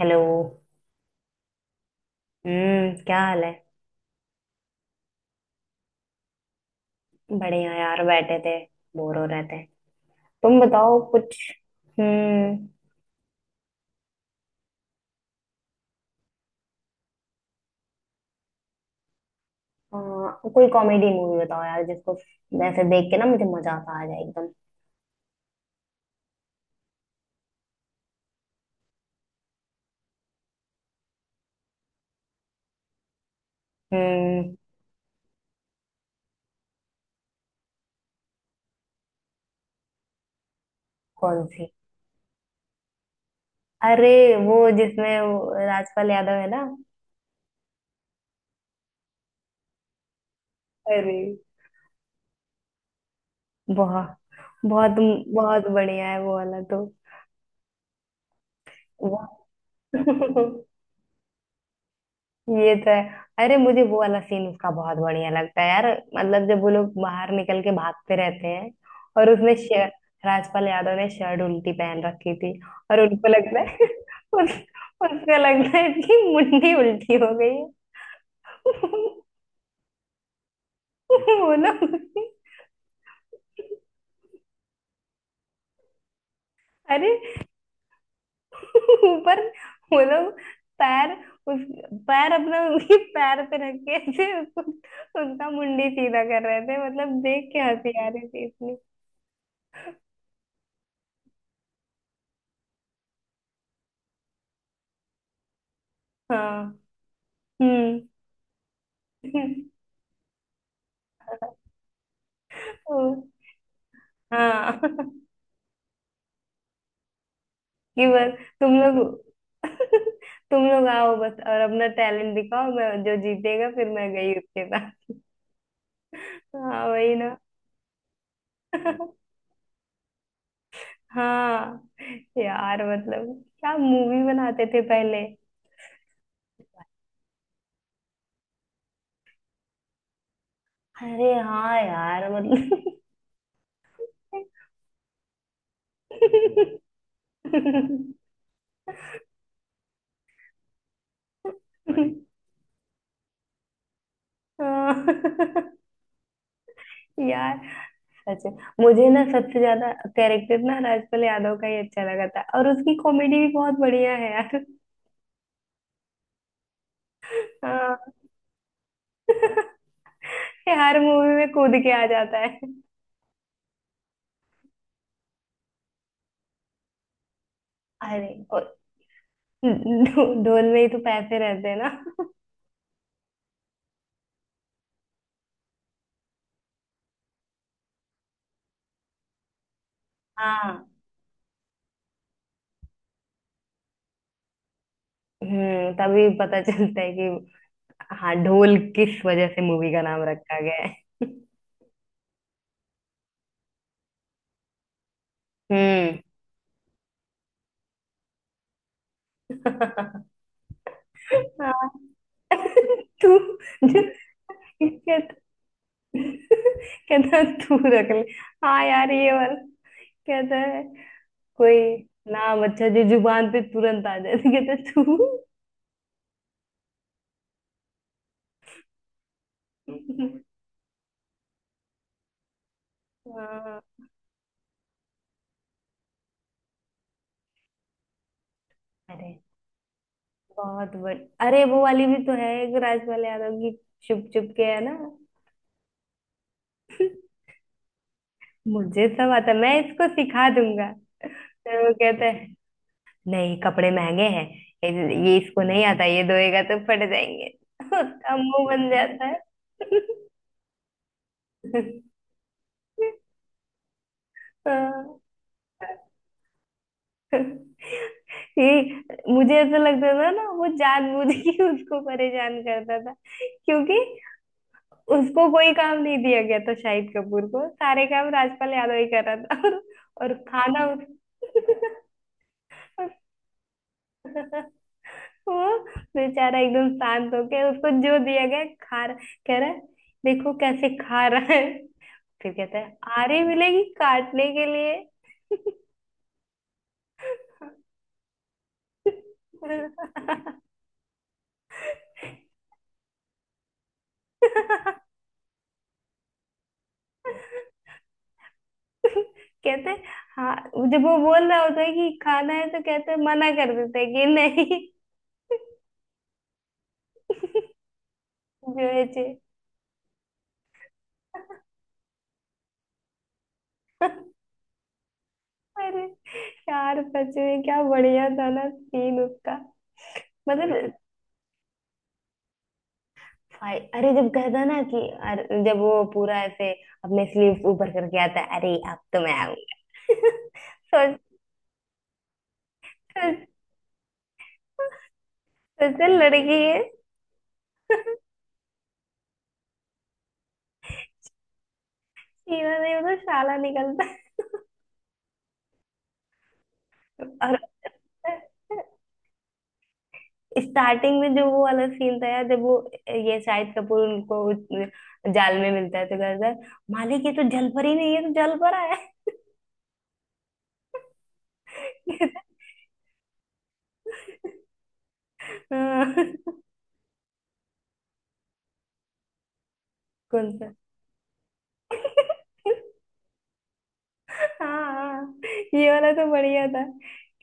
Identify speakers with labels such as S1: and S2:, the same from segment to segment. S1: Hello. हम्म, क्या हाल है? बढ़िया यार, बैठे थे। बोर हो रहे थे। तुम बताओ कुछ। हम्म। अ, कोई कॉमेडी मूवी बताओ यार, जिसको वैसे देख के ना मुझे मजा आता आ जाए एकदम। हम्म। कौन सी? अरे, वो जिसमें वो राजपाल यादव है ना। अरे, बहुत बहुत बहुत बढ़िया है वो वाला तो। वो ये तो है। अरे, मुझे वो वाला सीन उसका बहुत बढ़िया लगता है यार। मतलब जब वो लोग बाहर निकल के भागते रहते हैं, और उसने शर्ट राजपाल यादव ने शर्ट उल्टी पहन रखी थी। और उनको लगता है उस, उसको लगता है कि मुंडी उल्टी हो गई है। वो लोग, अरे ऊपर, वो लोग, पैर, उस, पैर अपना उसके पैर पे रख के ऐसे उसका मुंडी सीधा कर रहे थे। मतलब देख के हंसी आ रही थी। हाँ। हम्म। ओ, हाँ। कि बस, तुम लोग। तुम लोग आओ बस, और अपना टैलेंट दिखाओ। मैं जो जीतेगा, फिर मैं गई उसके साथ। हाँ, वही ना। हाँ यार, मतलब क्या मूवी बनाते थे पहले। अरे हाँ यार, मतलब। हाँ। यार सच में। मुझे ना सबसे ज्यादा कैरेक्टर ना राजपाल यादव का ही अच्छा लगा था, और उसकी कॉमेडी भी बहुत बढ़िया है यार। हाँ। ये हर मूवी में कूद के आ जाता है। अरे, और ढोल में ही तो पैसे रहते हैं ना। हाँ। तभी पता चलता है कि हाँ, ढोल किस वजह से मूवी का नाम रखा गया है। हम्म। हाँ। तू, इसके कहता है, तू रख ले। हाँ यार, ये वाला। कहता है कोई नाम अच्छा जो जुबान पे तुरंत आ जाए, तो कहता है, तू। हाँ। अरे, बहुत बड़ी। अरे, वो वाली भी तो है, एक राजपाल यादव की, चुप चुप के, है ना? मुझे सब आता है, मैं इसको सिखा दूंगा। फिर वो कहता है, नहीं कपड़े महंगे हैं। ये ये इसको नहीं आता, ये धोएगा तो फट जाएंगे। उसका मुंह बन जाता है। हाँ। ये, मुझे ऐसा लगता था ना वो जानबूझ के उसको परेशान करता था, क्योंकि उसको कोई काम नहीं दिया गया था। शाहिद कपूर को सारे काम राजपाल यादव ही कर रहा था, और खाना वो बेचारा एकदम शांत होके उसको जो दिया गया खा रहा। कह रहा है, देखो कैसे खा रहा है। फिर कहता है, आरी मिलेगी काटने के लिए। कहते हैं, हाँ। जब वो बोल रहा होता है कि खाना है, तो कहते हैं, मना कर देते हैं कि नहीं। जो है जे। अरे यार, सच में क्या बढ़िया था ना सीन उसका। मतलब भाई, अरे जब कहता ना कि, अरे जब वो पूरा ऐसे अपने स्लीव्स ऊपर करके आता है, अरे अब तो मैं आऊंगा। सोच, सोच, सोच लड़की है। सीना नहीं तो शाला निकलता है। और स्टार्टिंग में जो वो वाला सीन था यार, जब वो ये शाहिद कपूर उनको उस जाल में मिलता है, तो कहता है, मालिक ये तो जलपरी नहीं है, तो जलपरा है। हाँ। कौन सा? हाँ, ये वाला तो बढ़िया था।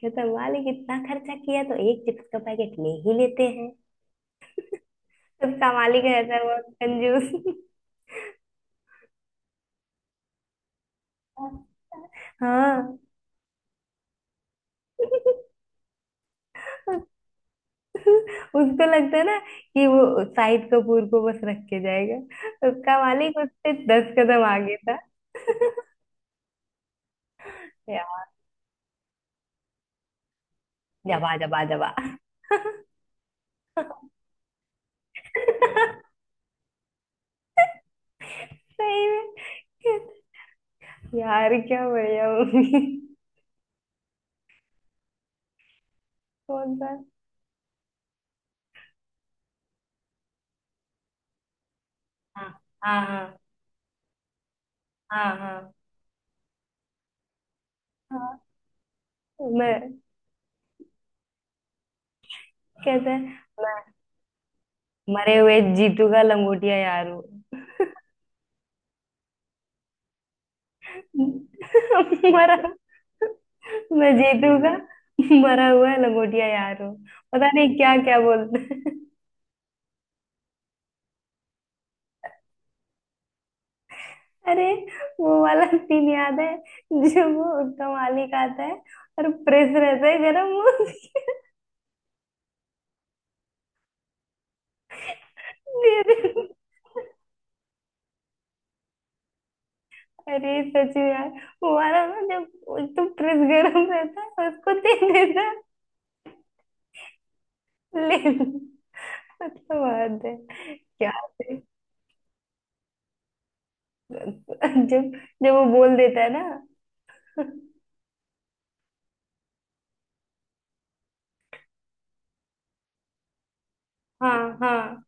S1: कहता, मालिक इतना खर्चा किया तो एक चिप्स का पैकेट ले ही लेते हैं। उसका मालिक रहता है वो, कंजूस। हाँ। उसको लगता है ना कि वो शाहिद कपूर को बस रख के जाएगा, उसका मालिक उससे 10 कदम आगे था। यार, जबा जबा जबा। सही में। यार, क्या बढ़िया मूवी। कौन सा? हाँ हाँ हाँ। हाँ हाँ हाँ। मैं, कहते हैं, मैं मरे हुए जीतू का लंगोटिया यार हूँ। मरा, मैं जीतू का मरा हुआ लंगोटिया यार हो। पता नहीं क्या क्या बोलते हैं। अरे, वो वाला सीन याद है, जो वो उसका मालिक आता है और प्रेस रहता है गरम। दे दे। अरे सच में यार, वो वाला ना, जब तो प्रेस गरम रहता है उसको दे देता है। ले, मतलब बात है। क्या है? जब जब वो बोल देता है ना। हाँ हाँ।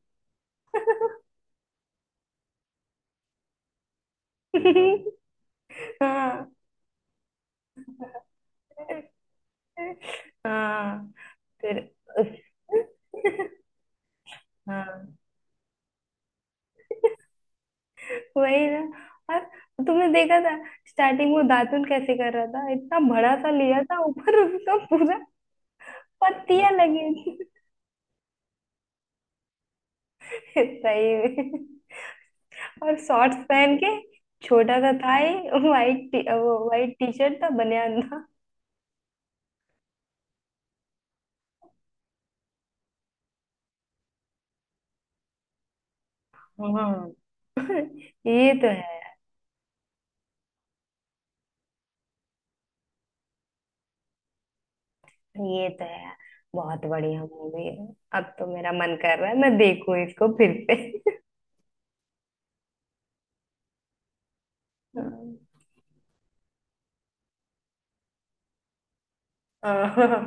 S1: हाँ हाँ। फिर हाँ, वही ना। और तुमने देखा था स्टार्टिंग में दातुन कैसे कर रहा था? इतना बड़ा सा लिया था ऊपर उसका पूरा। पत्तियां लगी थी। सही में। और शॉर्ट्स पहन के छोटा सा था ही। वो व्हाइट टी शर्ट था, बनियान। हम्म। ये तो है यार। ये तो है यार। बहुत बढ़िया मूवी है। अब तो मेरा मन कर रहा है मैं देखूं इसको फिर से।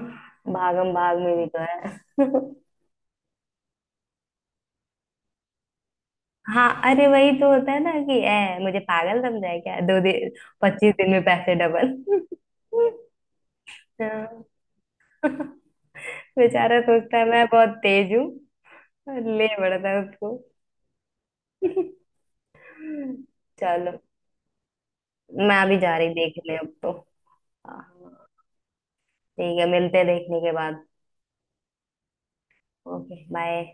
S1: भागम भाग में भी तो है। हाँ। अरे, वही तो होता है ना कि ए, मुझे पागल समझा है क्या? 2 दिन, 25 दिन में पैसे डबल। हाँ। बेचारा सोचता है मैं बहुत तेज हूँ। ले पड़ता है उसको। चलो, मैं अभी जा रही देखने अब तो। हाँ, ठीक है, मिलते हैं देखने के बाद। Okay bye.